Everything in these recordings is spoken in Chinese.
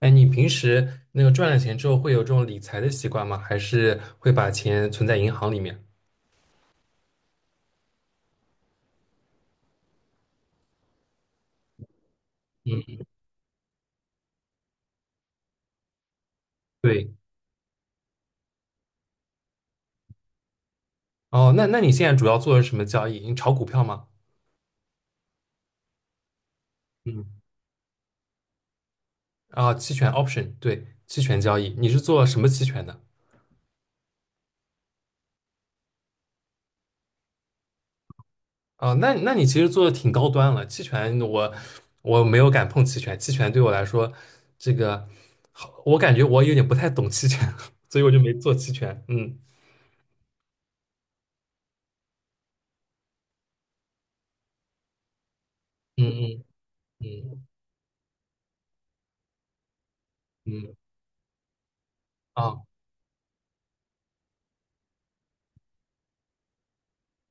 哎，你平时那个赚了钱之后会有这种理财的习惯吗？还是会把钱存在银行里面？对，哦，那你现在主要做的是什么交易？你炒股票吗？嗯，啊，期权 option，对，期权交易，你是做什么期权的？啊，那你其实做的挺高端了。期权我没有敢碰期权，期权对我来说，这个好，我感觉我有点不太懂期权，所以我就没做期权。嗯嗯嗯嗯嗯，嗯，啊。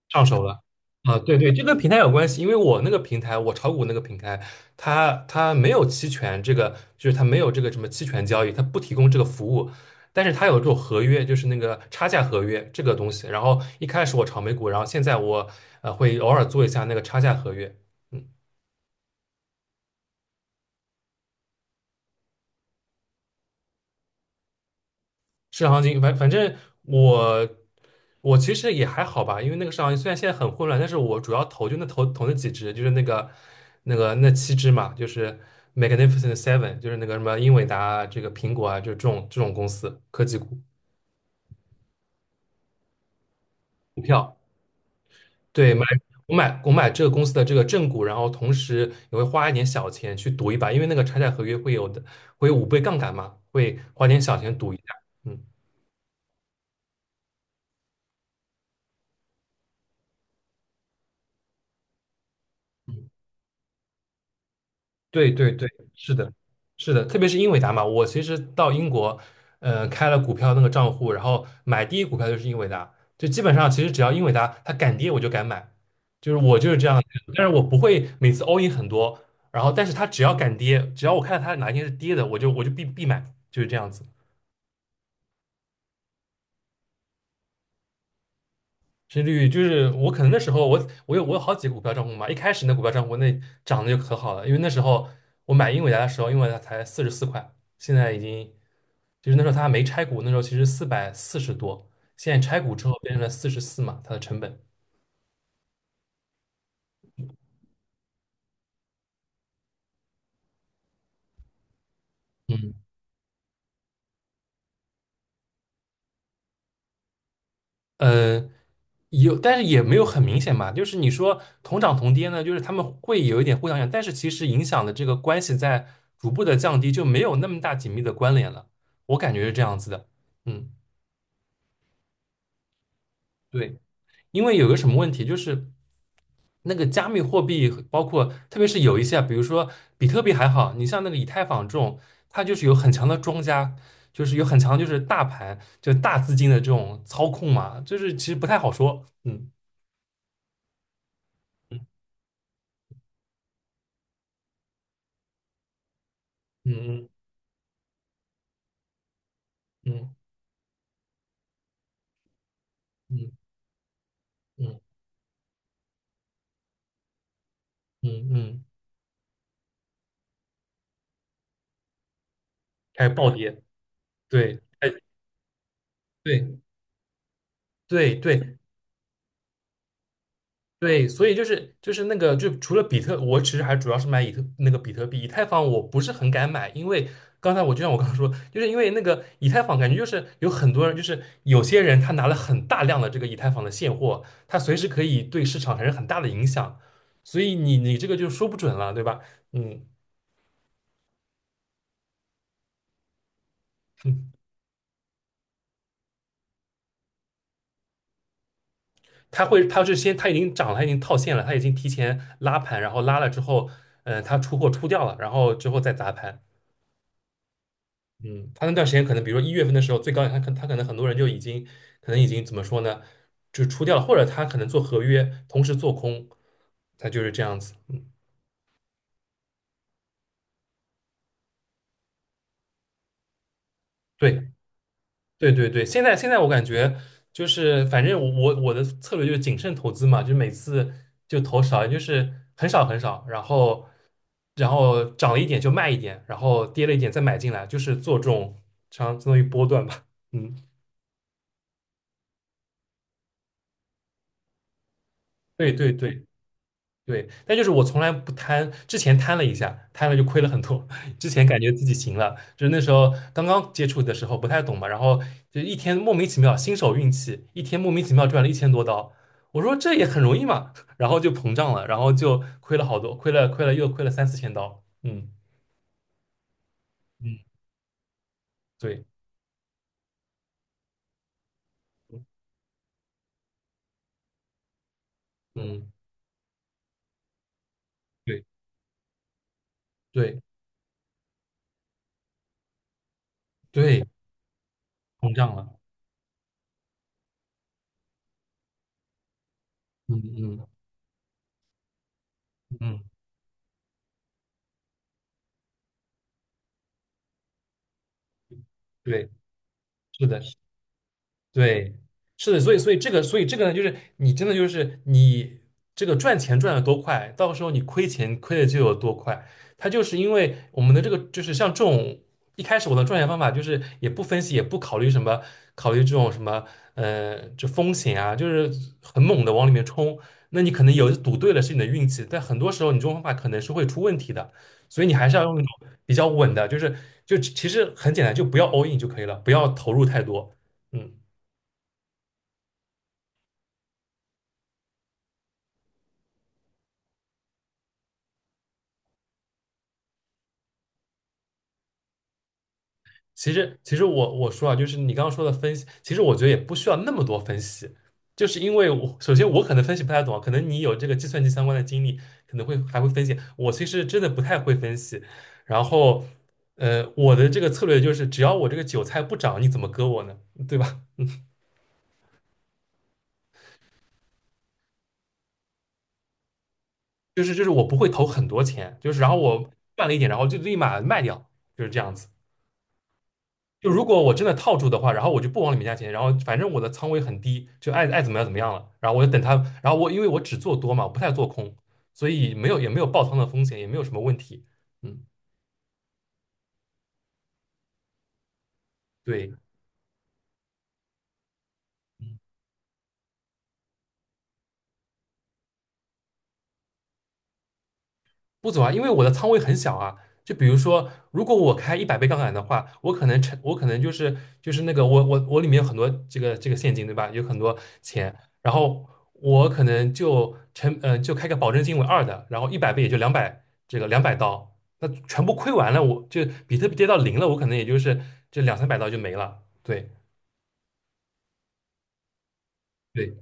上手了。啊，对对，这跟平台有关系，因为我那个平台，我炒股那个平台，它没有期权这个，就是它没有这个什么期权交易，它不提供这个服务，但是它有这种合约，就是那个差价合约这个东西。然后一开始我炒美股，然后现在我会偶尔做一下那个差价合约。嗯。市场行情，反正我我其实也还好吧，因为那个市场行情虽然现在很混乱，但是我主要投就那投那几只，就是那个那七只嘛，就是 Magnificent Seven，就是那个什么英伟达啊这个苹果啊，就是这种公司科技股股票。对，买我买我买这个公司的这个正股，然后同时也会花一点小钱去赌一把，因为那个拆债合约会有5倍杠杆嘛，会花点小钱赌一下。嗯对对对，是的，是的，特别是英伟达嘛，我其实到英国，开了股票那个账户，然后买第一股票就是英伟达，就基本上其实只要英伟达它敢跌我就敢买，就是我就是这样的但是我不会每次 all in 很多，然后但是它只要敢跌，只要我看到它哪一天是跌的，我就必买，就是这样子。至绿，就是我可能那时候我有好几个股票账户嘛，一开始那股票账户那涨得就可好了，因为那时候我买英伟达的时候，因为它才44块，现在已经就是那时候它还没拆股，那时候其实440多，现在拆股之后变成了四十四嘛，它的成本。嗯，呃，有，但是也没有很明显吧。就是你说同涨同跌呢，就是他们会有一点互相影响，但是其实影响的这个关系在逐步的降低，就没有那么大紧密的关联了。我感觉是这样子的。嗯。对，因为有个什么问题，就是那个加密货币，包括特别是有一些啊，比如说比特币还好，你像那个以太坊这种，它就是有很强的庄家，就是有很强就是大盘，就大资金的这种操控嘛，就是其实不太好说。嗯嗯嗯嗯嗯嗯嗯嗯，嗯，开始暴跌，对，哎对对对，对，所以就是那个，就除了比特，我其实还主要是买以特那个比特币，以太坊我不是很敢买，因为刚才我就像我刚刚说，就是因为那个以太坊感觉就是有很多人，就是有些人他拿了很大量的这个以太坊的现货，他随时可以对市场产生很大的影响，所以你这个就说不准了，对吧？嗯，他会他是先他已经涨了，他已经套现了，他已经提前拉盘，然后拉了之后，他出货出掉了，然后之后再砸盘。嗯，他那段时间可能，比如说1月份的时候，最高点，他可能很多人就已经，可能已经怎么说呢，就出掉了，或者他可能做合约，同时做空，他就是这样子。嗯，对对对对，现在我感觉就是，反正我的策略就是谨慎投资嘛，就是每次就投少，就是很少很少，然后涨了一点就卖一点，然后跌了一点再买进来，就是做这种相当于波段吧。嗯，对对对。对，但就是我从来不贪，之前贪了一下，贪了就亏了很多。之前感觉自己行了，就是那时候刚刚接触的时候不太懂嘛，然后就一天莫名其妙新手运气，一天莫名其妙赚了1000多刀，我说这也很容易嘛，然后就膨胀了，然后就亏了好多，亏了亏了又亏了3、4千刀。嗯嗯，对，嗯对对对，膨胀了。嗯嗯嗯，对，是的。对，是的，所以这个呢，就是你真的就是你这个赚钱赚的多快，到时候你亏钱亏的就有多快。它就是因为我们的这个就是像这种一开始我的赚钱方法就是也不分析也不考虑什么考虑这种什么这风险啊，就是很猛的往里面冲。那你可能有赌对了是你的运气，但很多时候你这种方法可能是会出问题的，所以你还是要用那种比较稳的，就其实很简单，就不要 all in 就可以了，不要投入太多。嗯。其实，其实我说啊，就是你刚刚说的分析，其实我觉得也不需要那么多分析，就是因为我首先我可能分析不太懂啊，可能你有这个计算机相关的经历，可能会还会分析。我其实真的不太会分析，然后，我的这个策略就是，只要我这个韭菜不涨，你怎么割我呢？对吧？就是我不会投很多钱，就是然后我赚了一点，然后就立马卖掉，就是这样子。就如果我真的套住的话，然后我就不往里面加钱，然后反正我的仓位很低，就爱怎么样怎么样了。然后我就等它，然后我因为我只做多嘛，我不太做空，所以没有也没有爆仓的风险，也没有什么问题。嗯，对，不走啊，因为我的仓位很小啊。就比如说，如果我开一百倍杠杆的话，我可能成，我可能就是那个我里面有很多这个现金，对吧？有很多钱，然后我可能就成就开个保证金为二的，然后一百倍也就200刀，那全部亏完了，我就比特币跌到零了，我可能也就是这200、300刀就没了。对对，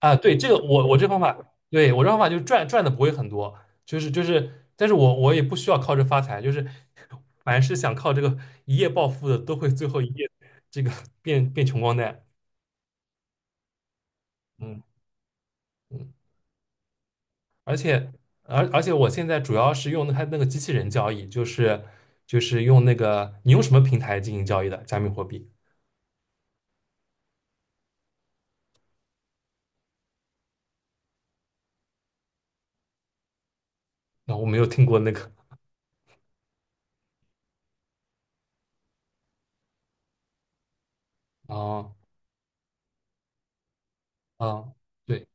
啊，对，这个我这方法，对，我这方法就是赚的不会很多，就是，但是我也不需要靠这发财，就是凡是想靠这个一夜暴富的，都会最后一夜这个变穷光蛋。嗯嗯，而且而且我现在主要是用它那个机器人交易，就是就是用那个你用什么平台进行交易的加密货币？那我没有听过那个。哦哦，对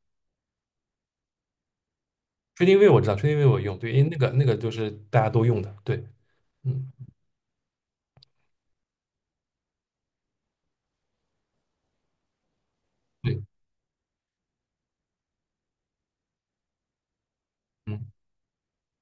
，TradingView 我知道，TradingView 我用，对，因为那个就是大家都用的，对，嗯对。嗯。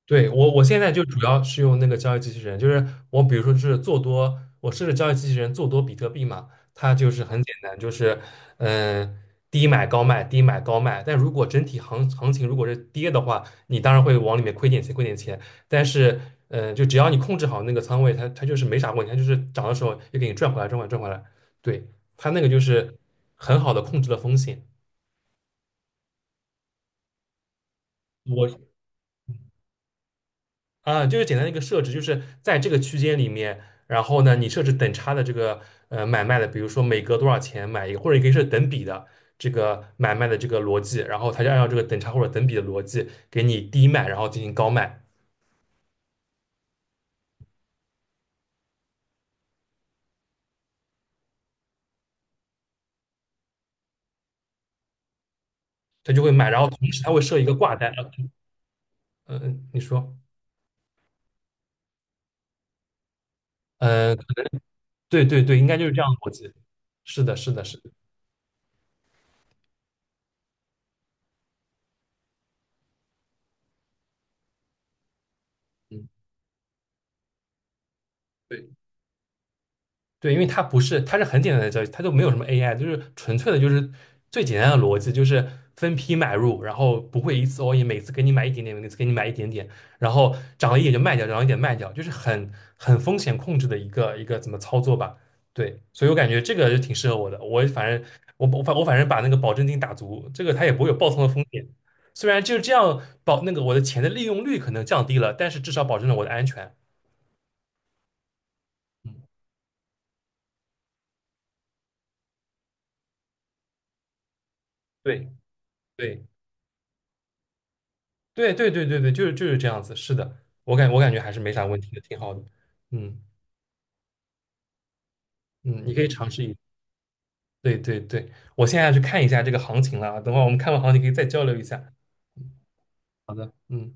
对，我现在就主要是用那个交易机器人，就是我比如说是做多，我设置交易机器人做多比特币嘛，它就是很简单，就是嗯、呃低买高卖，低买高卖。但如果整体行情如果是跌的话，你当然会往里面亏点钱，亏点钱。但是就只要你控制好那个仓位，它就是没啥问题，它就是涨的时候又给你赚回来，赚回来，赚回来。对，它那个就是很好的控制了风险。我啊，就是简单的一个设置，就是在这个区间里面，然后呢，你设置等差的这个买卖的，比如说每隔多少钱买一个，或者你可以设等比的这个买卖的这个逻辑，然后它就按照这个等差或者等比的逻辑给你低卖，然后进行高卖，它就会买，然后同时它会设一个挂单。嗯、呃你说，嗯、呃对对对，应该就是这样的逻辑。是的，是的，是的，嗯，对。对，因为它不是，它是很简单的交易，它就没有什么 AI，就是纯粹的，就是最简单的逻辑，就是分批买入，然后不会一次 all in，每次给你买一点点，每次给你买一点点，然后涨了一点就卖掉，涨了一点卖掉，就是很风险控制的一个怎么操作吧。对，所以我感觉这个就挺适合我的。我反正我反正把那个保证金打足，这个它也不会有爆仓的风险。虽然就是这样保那个我的钱的利用率可能降低了，但是至少保证了我的安全。嗯，对对。对对对对对，就是这样子，是的，我感觉还是没啥问题的，挺好的。嗯嗯，你可以尝试一，对对对，我现在去看一下这个行情了啊，等会儿我们看完行情可以再交流一下。好的，嗯。